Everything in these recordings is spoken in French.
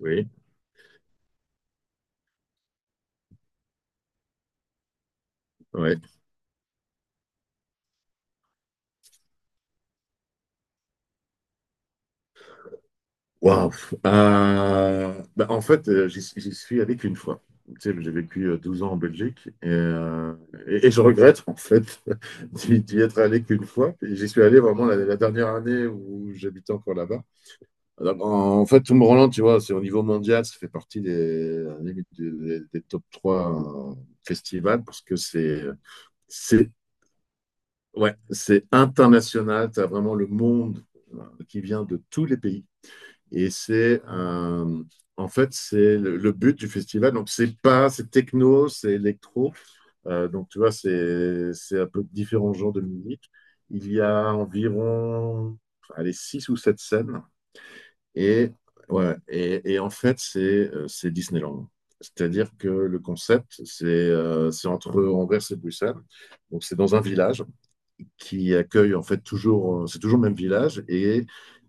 Oui, ouais. Waouh. Bah, en fait, j'y suis allé qu'une fois. Tu sais, j'ai vécu 12 ans en Belgique et je regrette en fait d'y être allé qu'une fois. Et j'y suis allé vraiment la dernière année où j'habitais encore là-bas. Alors, en fait, Tomorrowland, tu vois, c'est au niveau mondial, ça fait partie des top 3 festivals parce que c'est ouais, c'est international. Tu as vraiment le monde qui vient de tous les pays. Et c'est en fait, c'est le but du festival. Donc, c'est pas, c'est techno, c'est électro. Donc, tu vois, c'est un peu différents genres de musique. Il y a environ, allez, six ou sept scènes. Et, ouais, et en fait, c'est Disneyland. C'est-à-dire que le concept, c'est entre Anvers et Bruxelles. Donc, c'est dans un village qui accueille en fait toujours, c'est toujours le même village et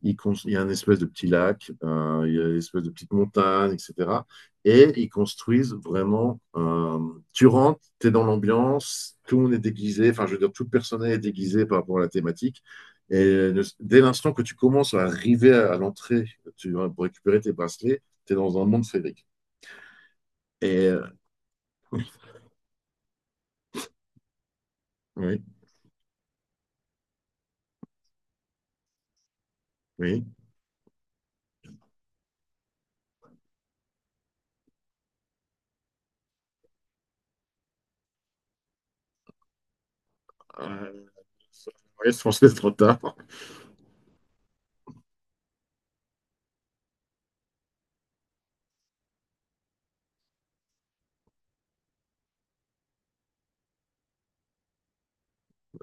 il, il y a un espèce de petit lac, il y a une espèce de petite montagne, etc. Et ils construisent vraiment. Tu rentres, tu es dans l'ambiance, tout le monde est déguisé, enfin, je veux dire, tout le personnel est déguisé par rapport à la thématique. Et dès l'instant que tu commences à arriver à l'entrée, pour récupérer tes bracelets, tu es dans un monde féerique. Et oui, oui. Euh, oui, je pense que c'est trop tard.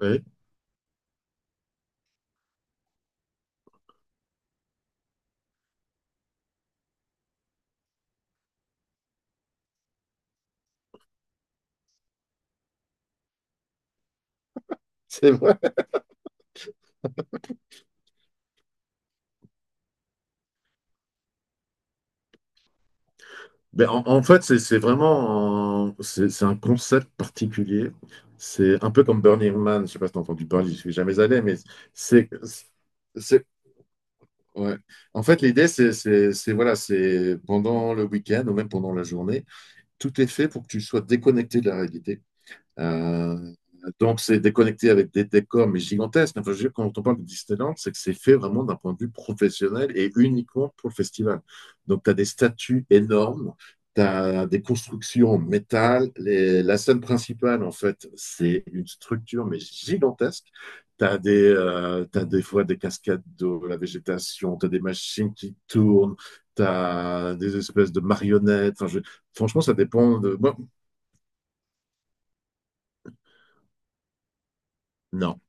Oui. C'est Ben, en fait, c'est vraiment un concept particulier. C'est un peu comme Burning Man. Je sais pas si tu as entendu parler, je suis jamais allé, mais c'est, c'est, ouais. En fait, l'idée, c'est, voilà, c'est pendant le week-end ou même pendant la journée, tout est fait pour que tu sois déconnecté de la réalité. Euh, donc, c'est déconnecté avec des décors, mais gigantesques. Enfin, je veux dire, quand on parle de Disneyland, c'est que c'est fait vraiment d'un point de vue professionnel et uniquement pour le festival. Donc, tu as des statues énormes, tu as des constructions en métal. La scène principale, en fait, c'est une structure, mais gigantesque. T'as des fois des cascades d'eau, la végétation, t'as des machines qui tournent, t'as des espèces de marionnettes. Enfin, franchement, ça dépend de... Moi, non.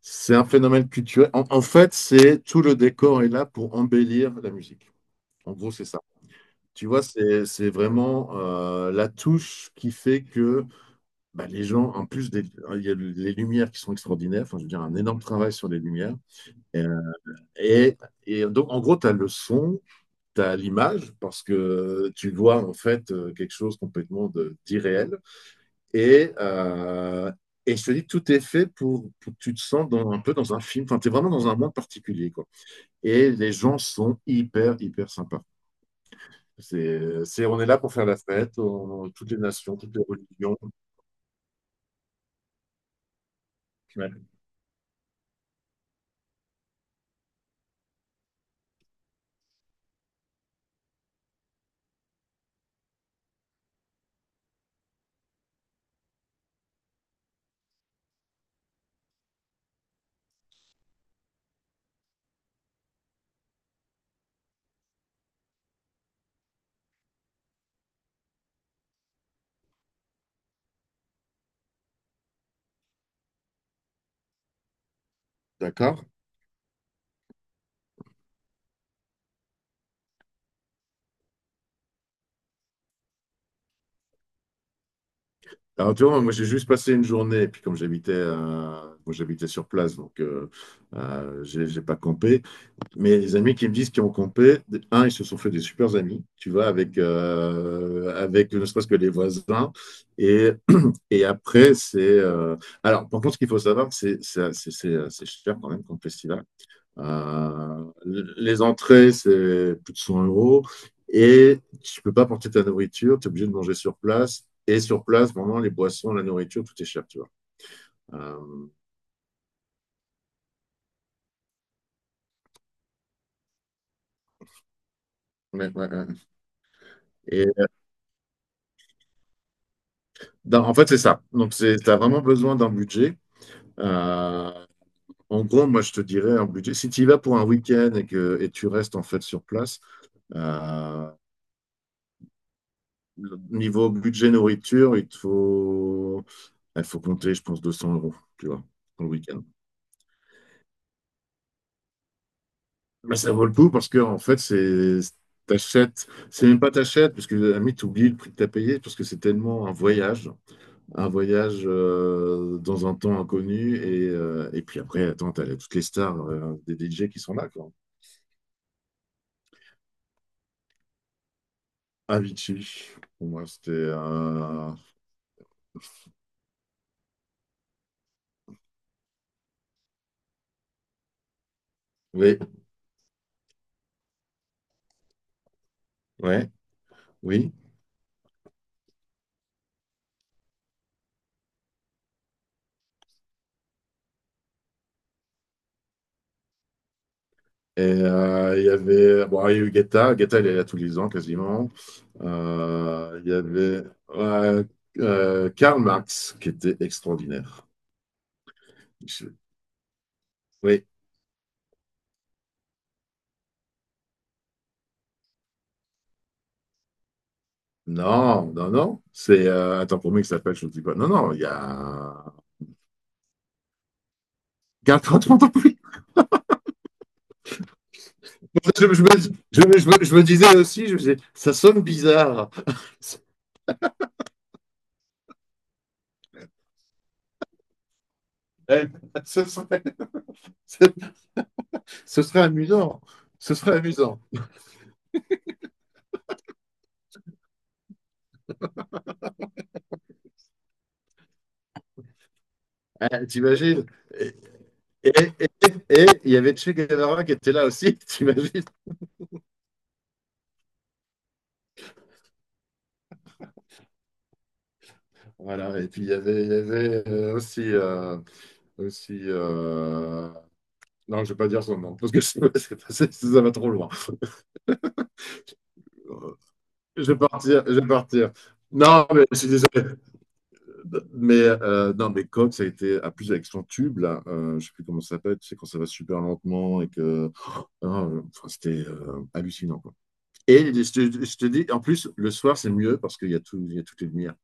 C'est un phénomène culturel. En fait, c'est tout le décor est là pour embellir la musique. En gros, c'est ça. Tu vois, c'est vraiment la touche qui fait que bah, les gens, en plus, il y a les lumières qui sont extraordinaires. Enfin, je veux dire, un énorme travail sur les lumières. Euh, Et, et donc, en gros, tu as le son, tu as l'image, parce que tu vois, en fait, quelque chose complètement d'irréel. Et, euh, et je te dis, tout est fait pour que tu te sens un peu dans un film. Enfin, tu es vraiment dans un monde particulier, quoi. Et les gens sont hyper, hyper sympas. On est là pour faire la fête, toutes les nations, toutes les religions. Ouais. D'accord? Alors, tu vois, moi, j'ai juste passé une journée, et puis comme j'habitais moi, j'habitais sur place, donc j'ai pas campé. Mais les amis qui me disent qu'ils ont campé, un, ils se sont fait des super amis, tu vois, avec, avec ne serait-ce que les voisins. Et, et après, c'est. Alors, par contre, ce qu'il faut savoir, c'est cher quand même comme festival. Euh, les entrées, c'est plus de 100 euros. Et tu ne peux pas porter ta nourriture, tu es obligé de manger sur place. Et sur place, vraiment, les boissons, la nourriture, tout est cher, tu vois. Euh, ouais, ouais, ouais. Et en fait, c'est ça. Donc, tu as vraiment besoin d'un budget. Euh, En gros, moi, je te dirais un budget. Si tu y vas pour un week-end et que tu restes en fait sur place, euh, niveau budget nourriture, il faut compter, je pense, 200 euros, tu vois, pour le week-end. Mais ça vaut le coup parce que en fait, c'est t'achètes, c'est même pas t'achètes, parce que à la limite, t'oublies le prix que t'as payé, parce que c'est tellement un voyage dans un temps inconnu, et puis après, attends, t'as toutes les stars des DJ qui sont là, quoi. Avicii, pour moi, c'était oui, ouais, oui. Et il y avait, bon, il y a eu Guetta, Guetta, il est là tous les ans quasiment. Il y avait ouais, Karl Marx qui était extraordinaire. Oui. Non, non, non. C'est un temporomie qui s'appelle, je ne dis pas. Non, non, il y a. Garde quand tu m'entends plus. Je me, je me- je me- je me disais aussi, je me disais, ça sonne bizarre. Eh, Ce serait, ce, ce serait amusant. Ce serait amusant. Eh, t'imagines? Et, et, et- et il y avait Che Guevara qui était là aussi, t'imagines? Voilà. Et puis il y avait aussi. Non, je ne vais pas dire son nom, parce que ça va trop loin. Je vais partir, je vais partir. Non, mais je suis désolé. Mais, non, mais Coq, ça a été à plus avec son tube, là. Je sais plus comment ça s'appelle. Tu sais, quand ça va super lentement et que. Ah, enfin, c'était hallucinant, quoi. Et je te dis, en plus, le soir, c'est mieux parce qu'il y a tout, il y a toutes les lumières.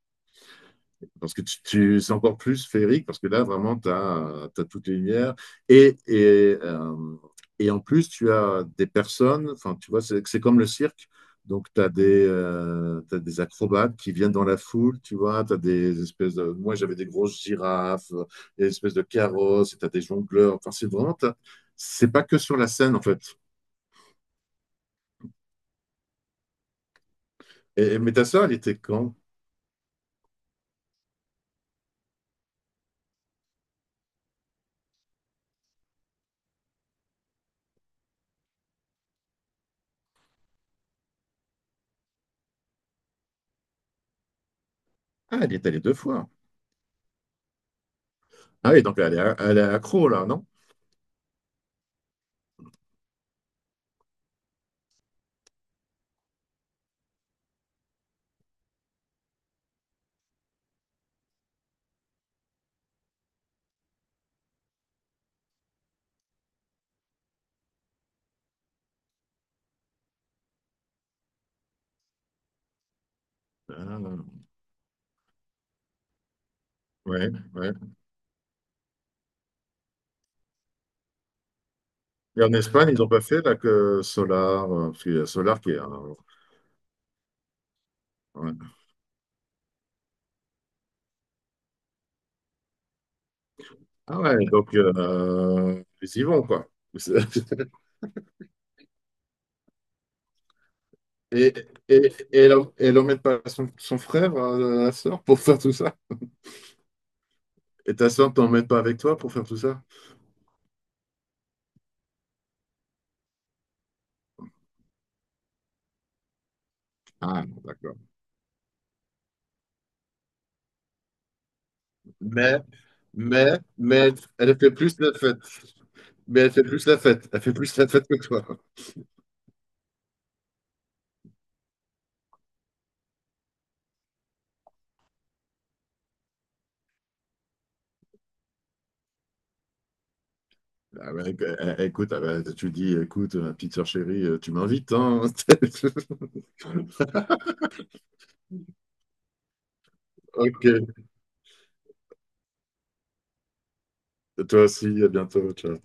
Parce que c'est encore plus féerique, parce que là, vraiment, tu as, toutes les lumières. Et, et, euh, et en plus, tu as des personnes, enfin, tu vois, c'est comme le cirque. Donc, t'as des acrobates qui viennent dans la foule, tu vois. Tu as des espèces de. Moi, j'avais des grosses girafes, des espèces de carrosses, et tu as des jongleurs. Enfin, c'est vraiment. C'est pas que sur la scène, en fait. Et, mais ta sœur, elle était quand? Ah, elle y est allée deux fois. Ah oui, donc elle est accro, là, non? Ah, ouais, ouais. Et en Espagne, ils n'ont pas fait là que Solar, parce qu'il y a Solar qui est ouais. Ah ouais, donc ils y vont, quoi. Et, et elle emmène pas son frère, la sœur, pour faire tout ça? Et ta sœur t'emmène pas avec toi pour faire tout ça? Ah, bon, d'accord. Mais, mais, elle fait plus la fête. Mais elle fait plus la fête. Elle fait plus la fête que toi. Ah ouais, écoute, ah ouais, tu dis, écoute, ma petite sœur chérie, tu m'invites, hein? Ok. Toi aussi, à bientôt. Ciao.